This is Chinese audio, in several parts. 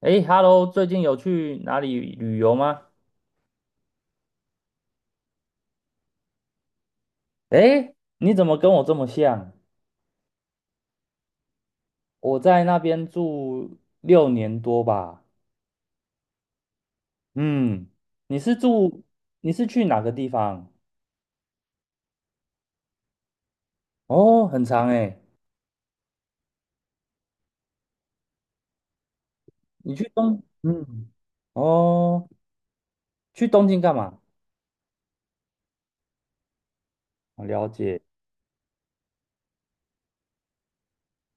诶 hello 最近有去哪里旅游吗？诶，你怎么跟我这么像？我在那边住6年多吧。嗯，你是住，你是去哪个地方？哦，很长诶。你去东，嗯，哦，去东京干嘛？我了解。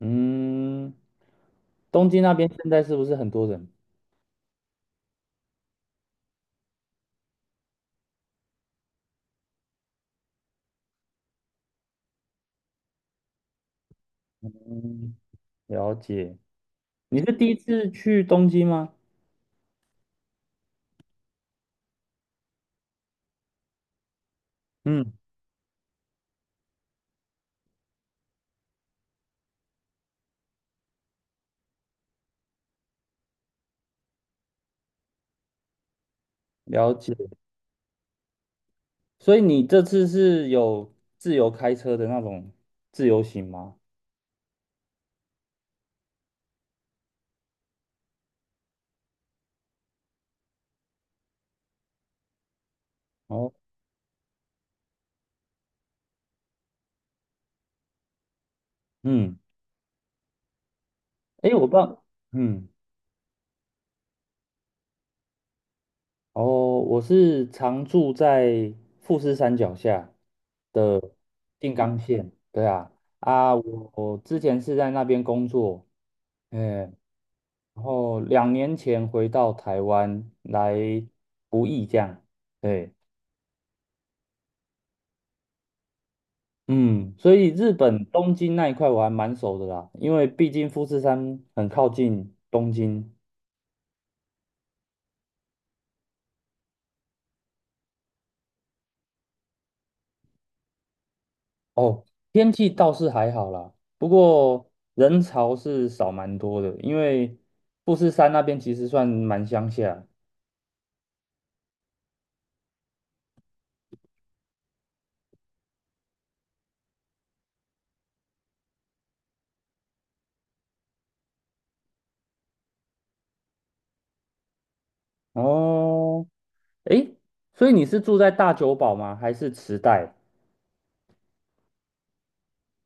嗯，东京那边现在是不是很多人？嗯，了解。你是第一次去东京吗？嗯，了解。所以你这次是有自由开车的那种自由行吗？哦，嗯，诶，我不知道，嗯，哦，我是常住在富士山脚下的静冈县，对啊，啊，我之前是在那边工作，嗯，然后2年前回到台湾来服役这样，对。嗯，所以日本东京那一块我还蛮熟的啦，因为毕竟富士山很靠近东京，哦，天气倒是还好啦，不过人潮是少蛮多的，因为富士山那边其实算蛮乡下。哦，诶，所以你是住在大久保吗？还是池袋？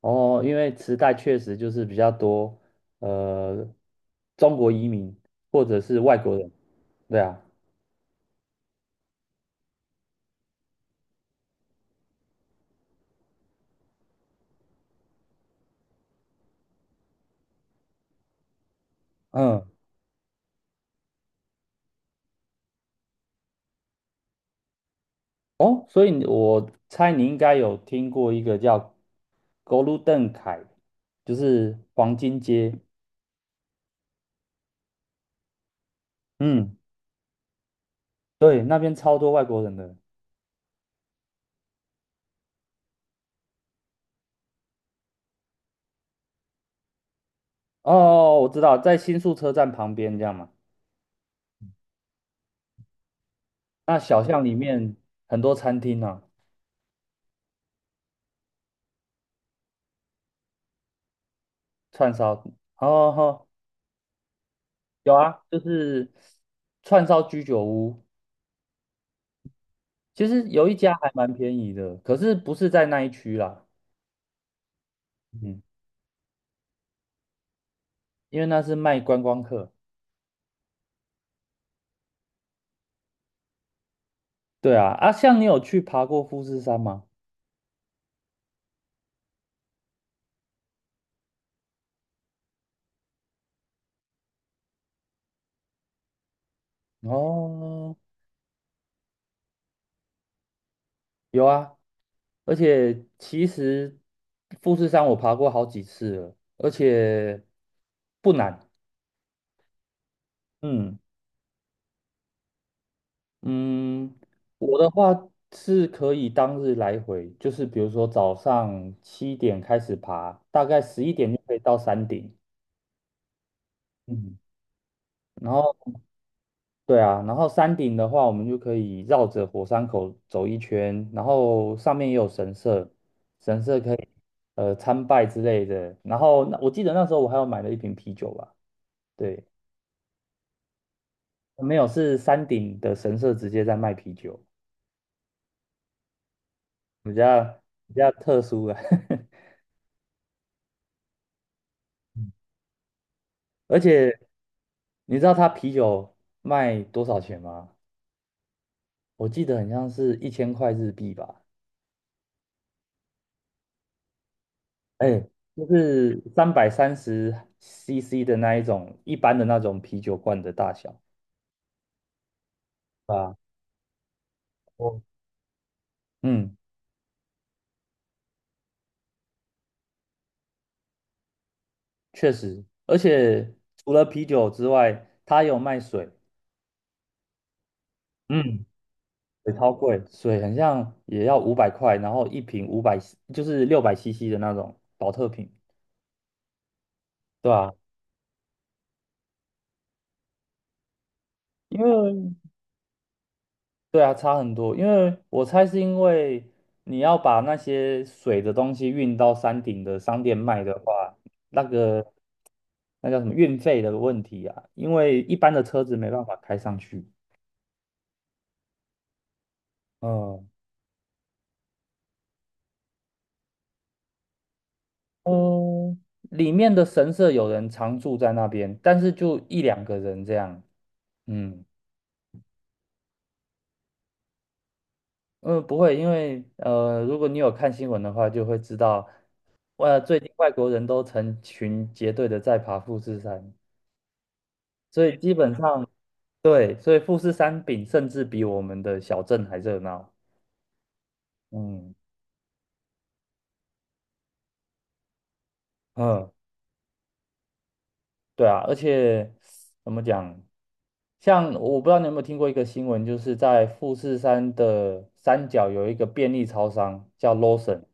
哦，因为池袋确实就是比较多，呃，中国移民或者是外国人。对啊，嗯，哦，所以我猜你应该有听过一个叫 Golden 凯，就是黄金街。嗯。对，那边超多外国人的。哦，哦哦我知道，在新宿车站旁边这样嘛。那小巷里面很多餐厅啊，串烧。哦，哦哦有啊，就是串烧居酒屋。其实有一家还蛮便宜的，可是不是在那一区啦。嗯，因为那是卖观光客。对啊，啊，像你有去爬过富士山吗？哦，有啊。而且其实富士山我爬过好几次了，而且不难。嗯嗯，我的话是可以当日来回，就是比如说早上7点开始爬，大概11点就可以到山顶。嗯，然后对啊，然后山顶的话，我们就可以绕着火山口走一圈，然后上面也有神社，神社可以参拜之类的。然后那我记得那时候我还有买了一瓶啤酒吧，对，没有是山顶的神社直接在卖啤酒，比较特殊啊。而且你知道他啤酒卖多少钱吗？我记得很像是1000块日币吧。哎，就是330 CC 的那一种一般的那种啤酒罐的大小。啊，哦，嗯，确实，而且除了啤酒之外，它有卖水，嗯，水超贵，水很像也要500块，然后一瓶五百，就是600 CC 的那种保特瓶，对吧？因为对啊，差很多，因为我猜是因为你要把那些水的东西运到山顶的商店卖的话，那个那叫什么运费的问题啊，因为一般的车子没办法开上去。嗯，哦，里面的神社有人常住在那边，但是就一两个人这样。嗯嗯，不会，因为如果你有看新闻的话，就会知道，最近外国人都成群结队的在爬富士山。所以基本上对，所以富士山顶甚至比我们的小镇还热闹。嗯嗯，对啊，而且怎么讲，像我不知道你有没有听过一个新闻，就是在富士山的山脚有一个便利超商叫 Lawson，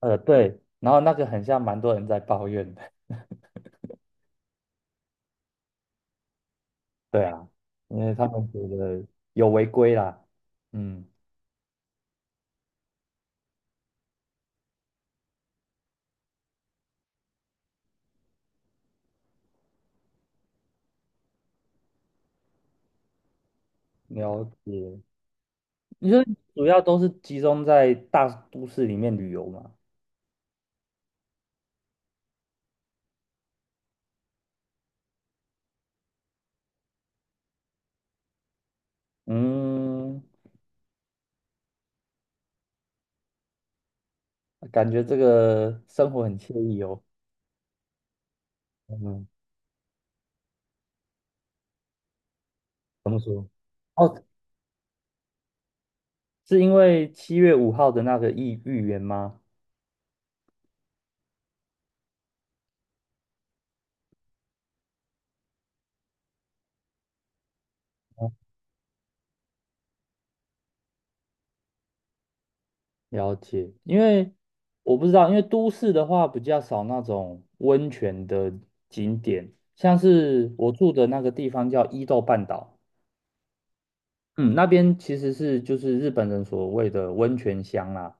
对，然后那个很像蛮多人在抱怨的。对啊，因为他们觉得有违规啦。嗯，了解。你说主要都是集中在大都市里面旅游嘛？嗯，感觉这个生活很惬意哦。嗯，怎么说？哦，是因为7月5号的那个意预言吗？哦了解，因为我不知道，因为都市的话比较少那种温泉的景点，像是我住的那个地方叫伊豆半岛，嗯，那边其实就是日本人所谓的温泉乡啦、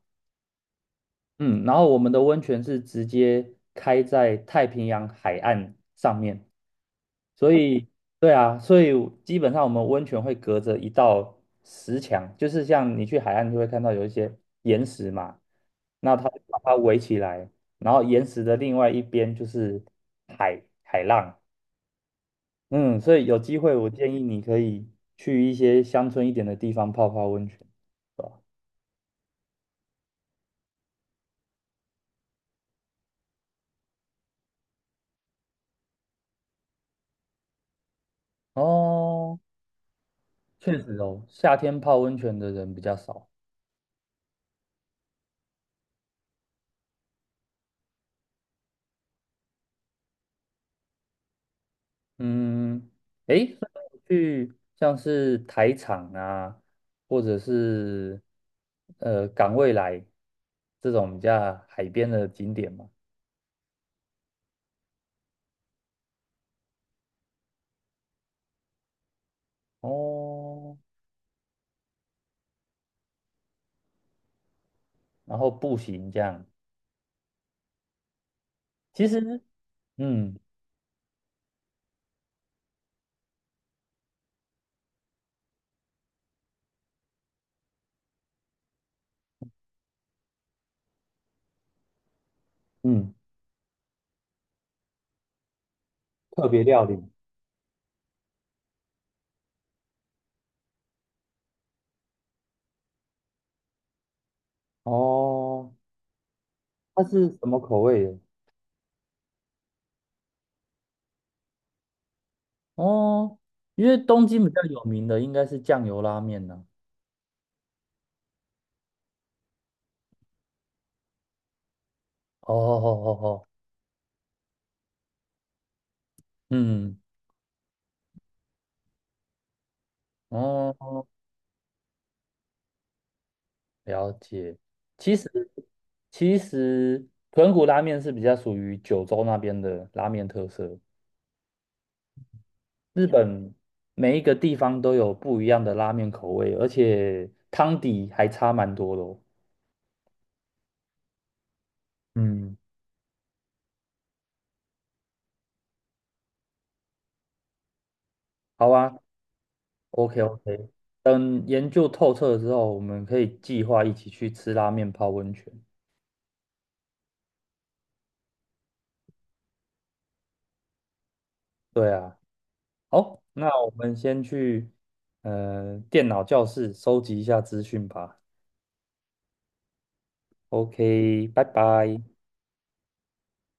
嗯，然后我们的温泉是直接开在太平洋海岸上面，所以对啊，所以基本上我们温泉会隔着一道石墙，就是像你去海岸就会看到有一些岩石嘛，那它就把它围起来，然后岩石的另外一边就是海浪，嗯，所以有机会我建议你可以去一些乡村一点的地方泡泡温泉，对吧？哦。确实哦，夏天泡温泉的人比较少。嗯，诶，所以我去像是台场啊，或者是港未来这种比较海边的景点嘛。哦，然后步行这样，其实嗯嗯，特别料理哦，它是什么口味的？哦，因为东京比较有名的应该是酱油拉面呢、哦哦哦哦，哦嗯，哦。了解。其实，其实豚骨拉面是比较属于九州那边的拉面特色。日本每一个地方都有不一样的拉面口味，而且汤底还差蛮多的哦。嗯，好啊，OK OK，等研究透彻之后，我们可以计划一起去吃拉面泡温泉。对啊，好，那我们先去电脑教室收集一下资讯吧。OK，拜拜。